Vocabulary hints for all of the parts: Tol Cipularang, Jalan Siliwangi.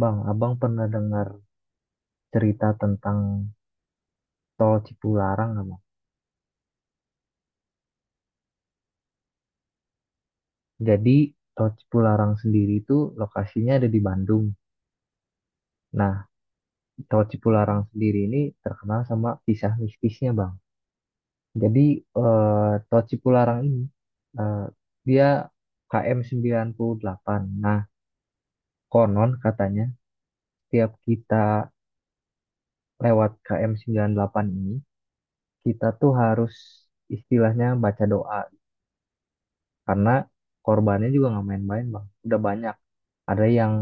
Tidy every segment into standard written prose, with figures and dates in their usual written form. Bang, abang pernah dengar cerita tentang Tol Cipularang nggak, Bang? Jadi, Tol Cipularang sendiri itu lokasinya ada di Bandung. Nah, Tol Cipularang sendiri ini terkenal sama kisah mistisnya, Bang. Jadi, Tol Cipularang ini, eh, dia KM delapan. Nah, konon katanya, setiap kita lewat KM delapan ini, kita tuh harus istilahnya baca doa. Karena korbannya juga nggak main-main, Bang. Udah banyak ada yang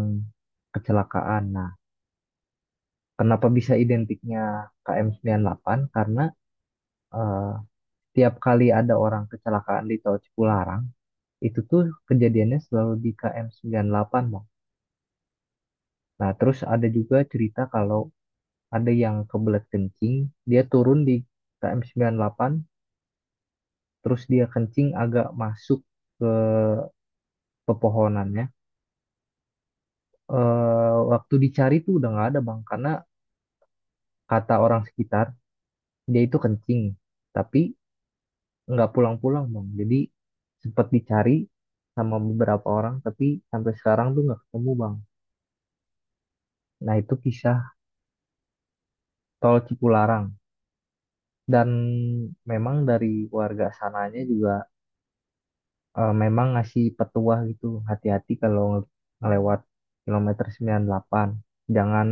kecelakaan. Nah, kenapa bisa identiknya KM98? Karena eh, tiap kali ada orang kecelakaan di Tol Cipularang, itu tuh kejadiannya selalu di KM98, Bang. Nah, terus ada juga cerita kalau ada yang kebelet kencing, dia turun di KM98, terus dia kencing agak masuk ke pepohonannya. Eh, waktu dicari tuh udah nggak ada, Bang, karena kata orang sekitar, dia itu kencing. Tapi nggak pulang-pulang bang, jadi sempat dicari sama beberapa orang, tapi sampai sekarang tuh nggak ketemu, bang. Nah, itu kisah tol Cipularang. Dan memang dari warga sananya juga, memang ngasih petua gitu, hati-hati kalau ngelewat kilometer sembilan puluh delapan. Jangan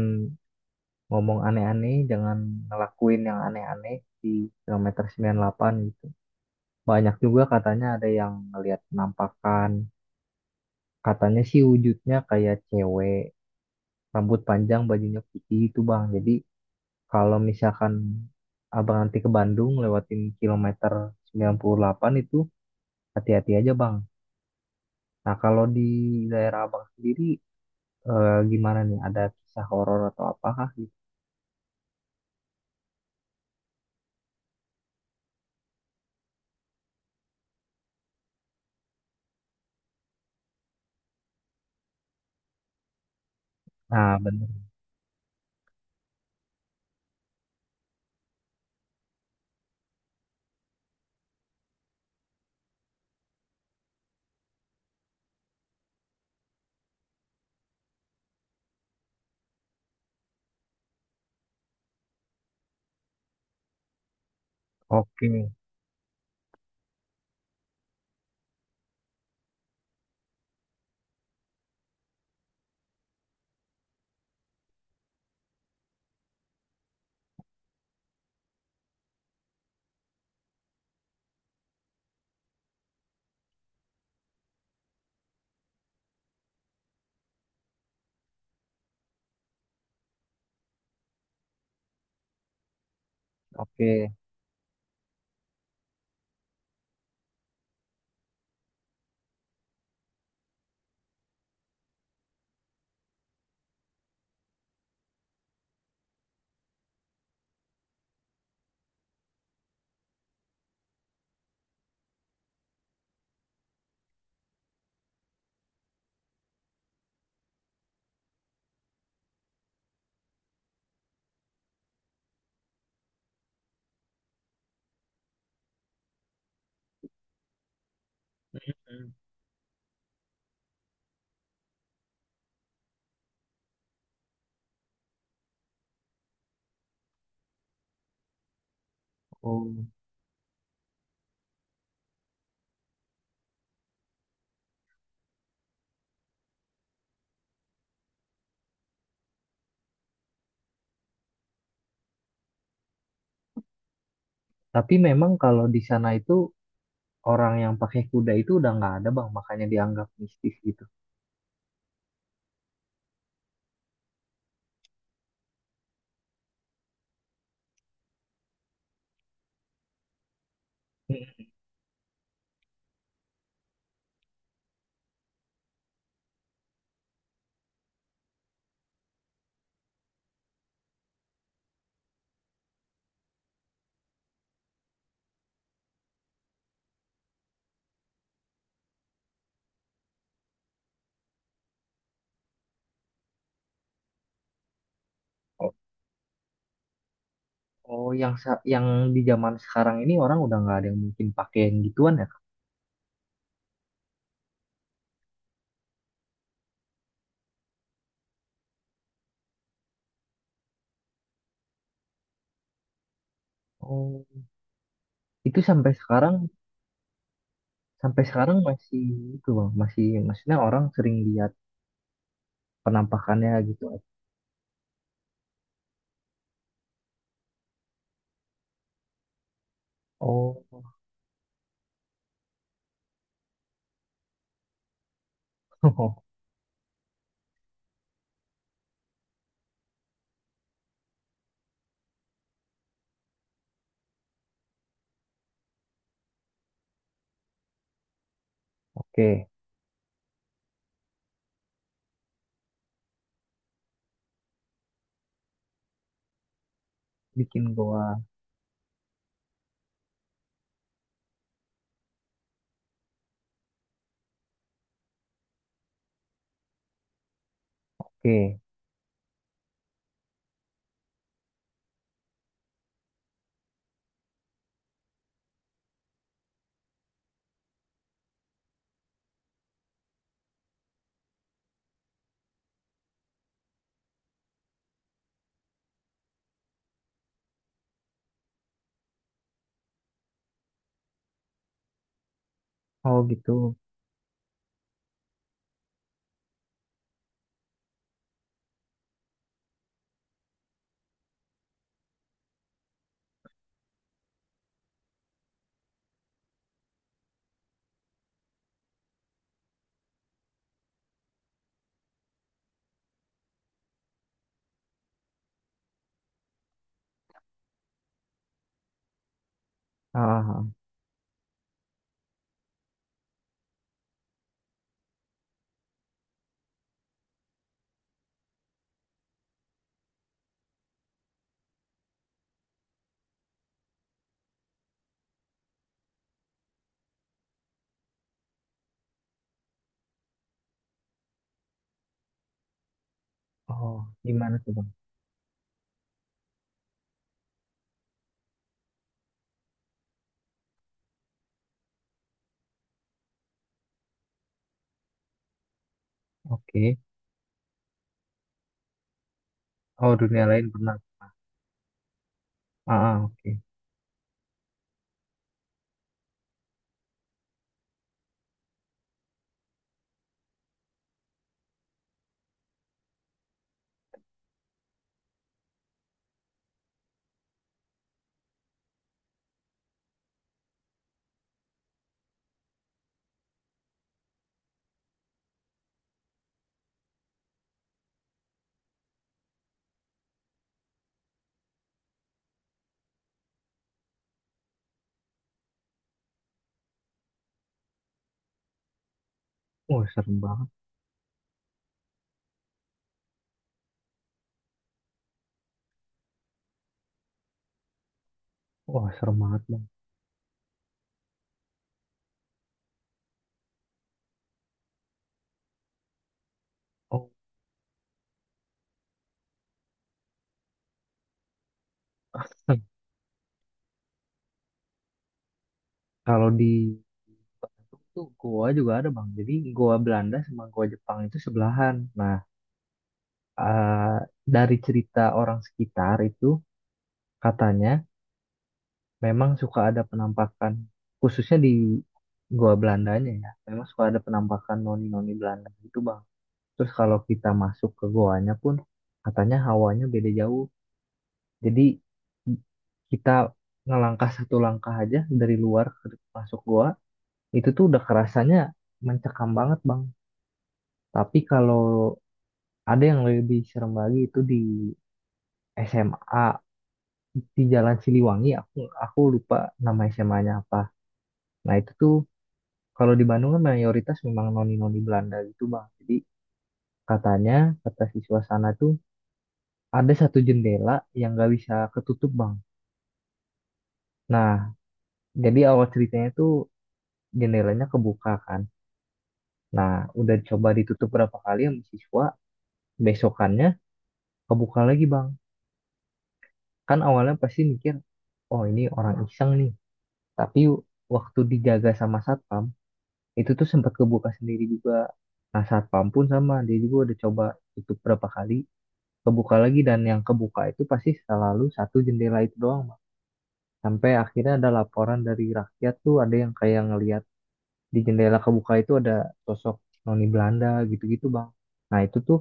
ngomong aneh-aneh, jangan ngelakuin yang aneh-aneh di kilometer 98 gitu. Banyak juga katanya ada yang ngelihat penampakan. Katanya sih wujudnya kayak cewek, rambut panjang, bajunya putih itu, Bang. Jadi kalau misalkan Abang nanti ke Bandung, lewatin kilometer 98 itu, hati-hati aja, Bang. Nah, kalau di daerah Abang sendiri, gimana nih? Ada kisah horor atau apakah gitu? Nah, bener. Oke, oke. Hmm. Oh, tapi memang kalau di sana itu orang yang pakai kuda itu udah nggak ada, bang, makanya dianggap mistis gitu. Oh, oh, yang di zaman sekarang ini orang udah nggak ada yang mungkin pakai yang gituan ya, Kak? Oh, itu sampai sekarang. Sampai sekarang masih itu, bang, masih, maksudnya orang sering lihat penampakannya gitu. Oh. Oke. Bikin goa. Oke. Oh gitu. Ah ah, ah. Oh, gimana tuh, bang? Oke. Oh, dunia lain pernah. Ah ah, oke. Wah serem banget. Wah serem banget, bang. Oh. Kalau di Bandung tuh goa juga ada, bang. Jadi goa Belanda sama goa Jepang itu sebelahan. Nah, ah, dari cerita orang sekitar itu katanya memang suka ada penampakan, khususnya di gua Belandanya, ya, memang suka ada penampakan noni-noni Belanda gitu, bang. Terus kalau kita masuk ke goanya pun, katanya hawanya beda jauh. Jadi kita ngelangkah satu langkah aja dari luar ke masuk goa, itu tuh udah kerasanya mencekam banget, bang. Tapi kalau ada yang lebih serem lagi itu di SMA di Jalan Siliwangi. Aku lupa nama SMA-nya apa. Nah, itu tuh kalau di Bandung kan mayoritas memang noni-noni Belanda gitu, Bang. Jadi katanya, kata siswa sana tuh ada satu jendela yang nggak bisa ketutup, Bang. Nah, jadi awal ceritanya tuh jendelanya kebuka kan. Nah, udah coba ditutup berapa kali sama siswa, besokannya kebuka lagi, Bang. Kan awalnya pasti mikir, oh ini orang iseng nih. Tapi waktu dijaga sama satpam, itu tuh sempat kebuka sendiri juga. Nah, satpam pun sama, dia juga udah coba tutup berapa kali, kebuka lagi, dan yang kebuka itu pasti selalu satu jendela itu doang, Mak. Sampai akhirnya ada laporan dari rakyat tuh ada yang kayak ngelihat di jendela kebuka itu ada sosok noni Belanda gitu-gitu, bang. Nah, itu tuh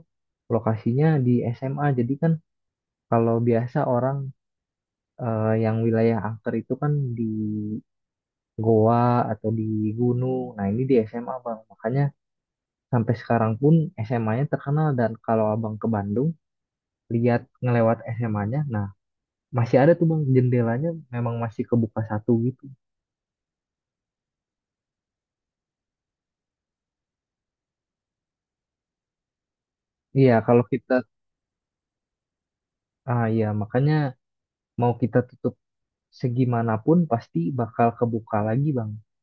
lokasinya di SMA. Jadi kan kalau biasa orang, yang wilayah angker itu kan di goa atau di gunung, nah ini di SMA, bang, makanya sampai sekarang pun SMA-nya terkenal. Dan kalau abang ke Bandung, lihat ngelewat SMA-nya. Nah, masih ada tuh, bang, jendelanya memang masih kebuka satu gitu. Iya, kalau kita, ah iya, makanya mau kita tutup segimanapun pasti bakal kebuka lagi, bang.